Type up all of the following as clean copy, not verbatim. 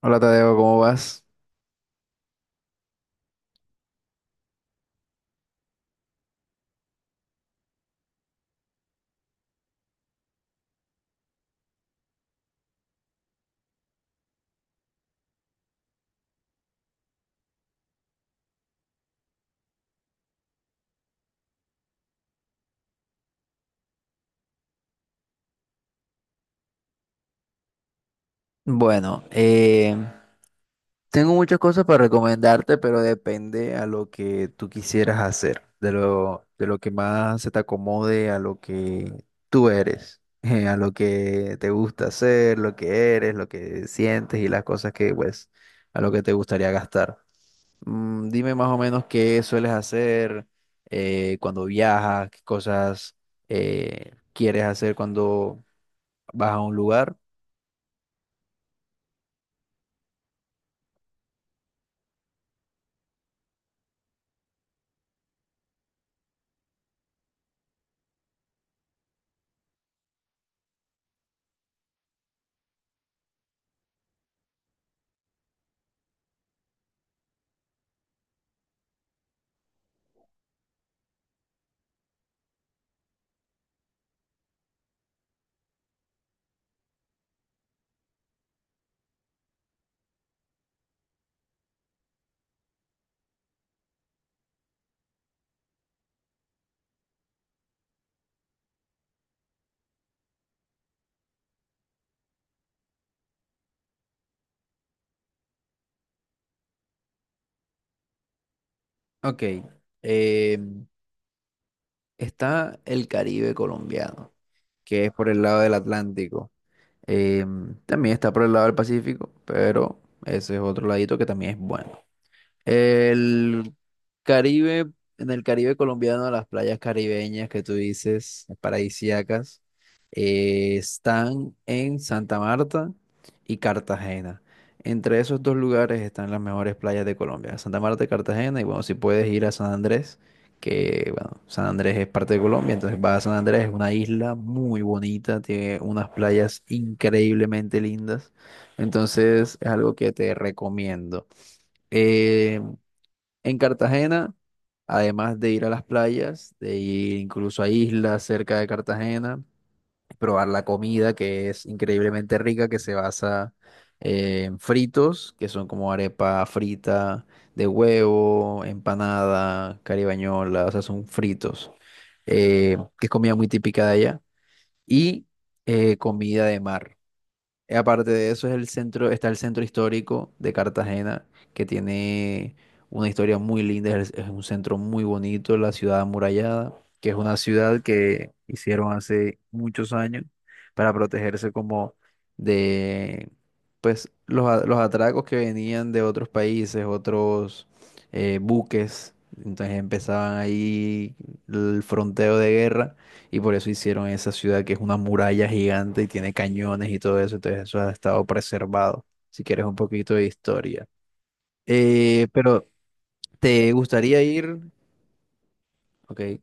Hola Tadeo, ¿cómo vas? Bueno, tengo muchas cosas para recomendarte, pero depende a lo que tú quisieras hacer, de lo que más se te acomode a lo que tú eres, a lo que te gusta hacer, lo que eres, lo que sientes y las cosas que, pues, a lo que te gustaría gastar. Mm, dime más o menos qué sueles hacer cuando viajas, qué cosas quieres hacer cuando vas a un lugar. Ok, eh, está el Caribe colombiano, que es por el lado del Atlántico. Eh, también está por el lado del Pacífico, pero ese es otro ladito que también es bueno. El Caribe, en el Caribe colombiano, las playas caribeñas que tú dices, paradisíacas, están en Santa Marta y Cartagena. Entre esos dos lugares están las mejores playas de Colombia, Santa Marta y Cartagena. Y bueno, si puedes ir a San Andrés, que bueno, San Andrés es parte de Colombia, entonces vas a San Andrés, es una isla muy bonita, tiene unas playas increíblemente lindas. Entonces es algo que te recomiendo. Eh, en Cartagena, además de ir a las playas, de ir incluso a islas cerca de Cartagena, probar la comida que es increíblemente rica, que se basa en fritos, que son como arepa frita de huevo, empanada, caribañola, o sea, son fritos, que es comida muy típica de allá, y comida de mar. Aparte de eso, es el centro, está el centro histórico de Cartagena, que tiene una historia muy linda, es un centro muy bonito, la ciudad amurallada, que es una ciudad que hicieron hace muchos años para protegerse como de pues los atracos que venían de otros países, otros buques. Entonces empezaban ahí el fronteo de guerra y por eso hicieron esa ciudad que es una muralla gigante y tiene cañones y todo eso. Entonces eso ha estado preservado, si quieres un poquito de historia. Pero ¿te gustaría ir? Ok.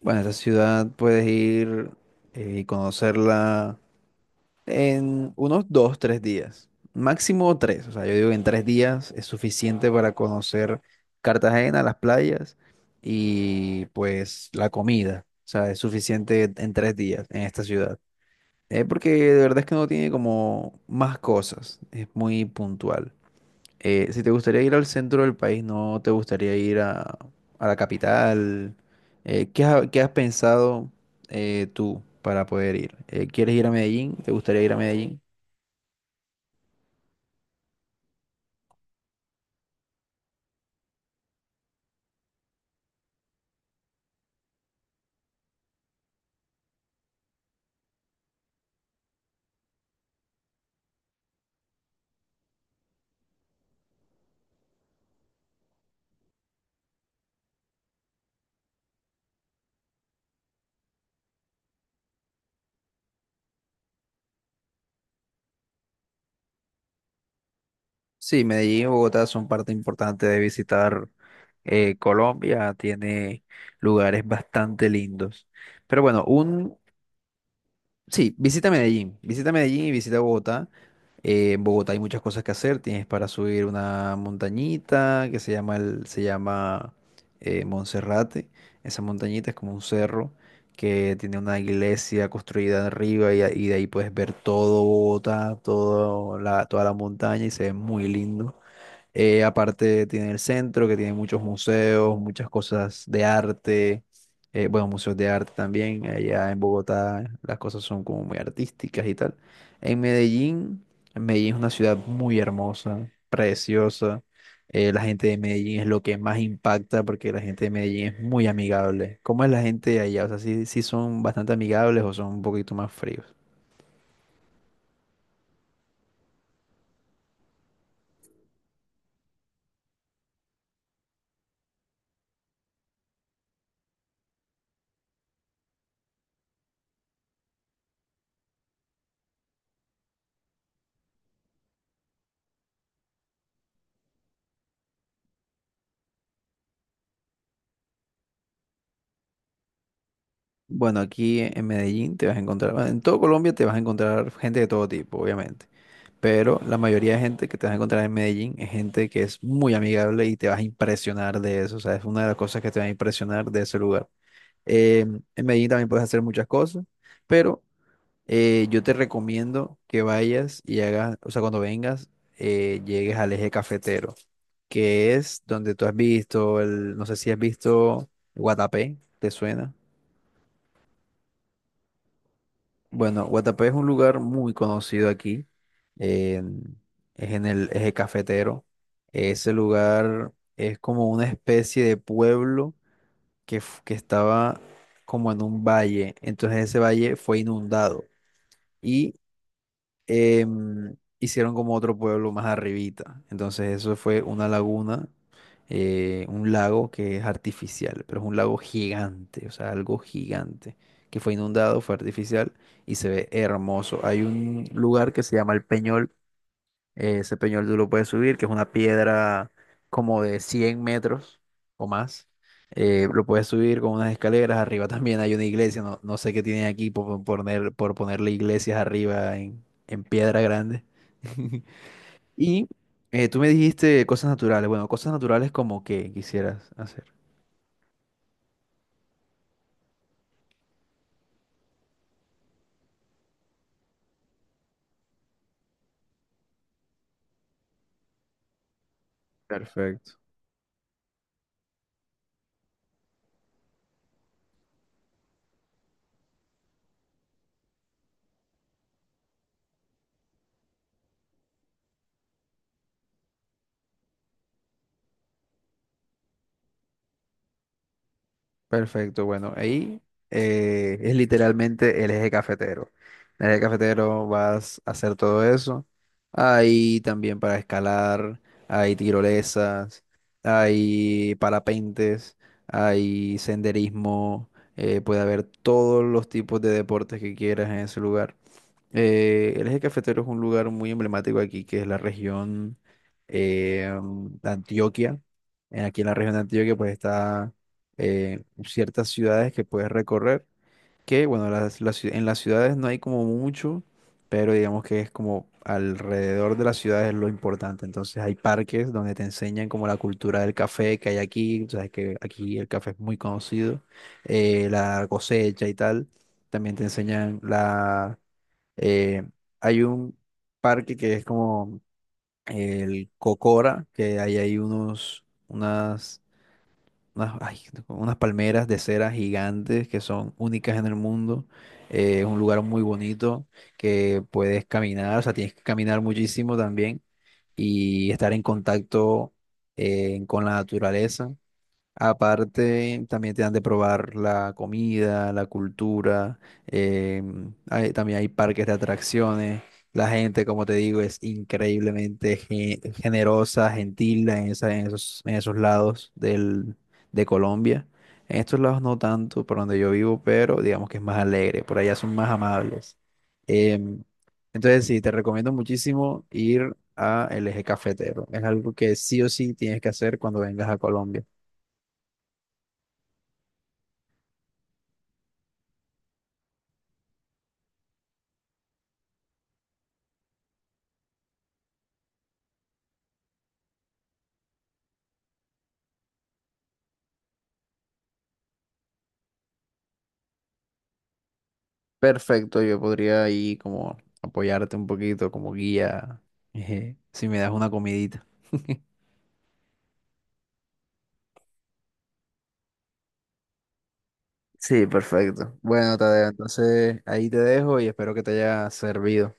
Bueno, esa ciudad puedes ir y conocerla en unos 2, 3 días. Máximo 3. O sea, yo digo que en 3 días es suficiente para conocer Cartagena, las playas y pues la comida. O sea, es suficiente en 3 días en esta ciudad. Porque de verdad es que no tiene como más cosas, es muy puntual. Si te gustaría ir al centro del país, ¿no te gustaría ir a la capital? ¿Qué has pensado tú para poder ir? ¿Quieres ir a Medellín? ¿Te gustaría ir a Medellín? Sí, Medellín y Bogotá son parte importante de visitar Colombia, tiene lugares bastante lindos. Pero bueno, un, Sí, visita Medellín y visita Bogotá. En Bogotá hay muchas cosas que hacer. Tienes para subir una montañita que se llama Monserrate. Esa montañita es como un cerro que tiene una iglesia construida arriba y de ahí puedes ver todo Bogotá, toda la montaña y se ve muy lindo. Aparte tiene el centro que tiene muchos museos, muchas cosas de arte, bueno, museos de arte también, allá en Bogotá las cosas son como muy artísticas y tal. En Medellín, Medellín es una ciudad muy hermosa, preciosa, la gente de Medellín es lo que más impacta porque la gente de Medellín es muy amigable. ¿Cómo es la gente de allá? O sea, ¿sí, sí son bastante amigables o son un poquito más fríos? Bueno, aquí en Medellín te vas a encontrar, bueno, en todo Colombia te vas a encontrar gente de todo tipo, obviamente. Pero la mayoría de gente que te vas a encontrar en Medellín es gente que es muy amigable y te vas a impresionar de eso. O sea, es una de las cosas que te va a impresionar de ese lugar. Eh, en Medellín también puedes hacer muchas cosas, pero yo te recomiendo que vayas y hagas, o sea, cuando vengas, llegues al eje cafetero, que es donde tú has visto, no sé si has visto Guatapé, ¿te suena? Bueno, Guatapé es un lugar muy conocido aquí. en- es en el eje cafetero. Ese lugar es como una especie de pueblo que estaba como en un valle. Entonces ese valle fue inundado y hicieron como otro pueblo más arribita. Entonces eso fue una laguna, un lago que es artificial, pero es un lago gigante, o sea, algo gigante, que fue inundado, fue artificial y se ve hermoso. Hay un lugar que se llama El Peñol, Ese peñol tú lo puedes subir, que es una piedra como de 100 metros o más. Lo puedes subir con unas escaleras. Arriba también hay una iglesia. No sé qué tienen aquí por poner, por ponerle iglesias arriba en piedra grande. Y tú me dijiste cosas naturales. Bueno, cosas naturales como que quisieras hacer. Perfecto. Perfecto, bueno, ahí es literalmente el eje cafetero. En el eje cafetero vas a hacer todo eso. Hay también para escalar, hay tirolesas, hay parapentes, hay senderismo, puede haber todos los tipos de deportes que quieras en ese lugar. El eje cafetero es un lugar muy emblemático aquí, que es la región eh, de Antioquia. Aquí en la región de Antioquia, pues está ciertas ciudades que puedes recorrer, que bueno, en las ciudades no hay como mucho, pero digamos que es como alrededor de las ciudades lo importante. Entonces hay parques donde te enseñan como la cultura del café que hay aquí, tú sabes que aquí el café es muy conocido, la cosecha y tal. También te enseñan la eh, hay un parque que es como el Cocora, que ahí hay unos, unas, unas, ay, unas palmeras de cera gigantes que son únicas en el mundo. Es un lugar muy bonito que puedes caminar, o sea, tienes que caminar muchísimo también y estar en contacto con la naturaleza. Aparte, también te dan de probar la comida, la cultura, también hay parques de atracciones. La gente, como te digo, es increíblemente generosa, gentil en en esos lados del, de Colombia. En estos lados no tanto, por donde yo vivo, pero digamos que es más alegre. Por allá son más amables. Em, entonces, sí, te recomiendo muchísimo ir a el Eje Cafetero. Es algo que sí o sí tienes que hacer cuando vengas a Colombia. Perfecto, yo podría ahí como apoyarte un poquito como guía, eje, si me das una comidita. Sí, perfecto. Bueno, Tadeo, entonces ahí te dejo y espero que te haya servido.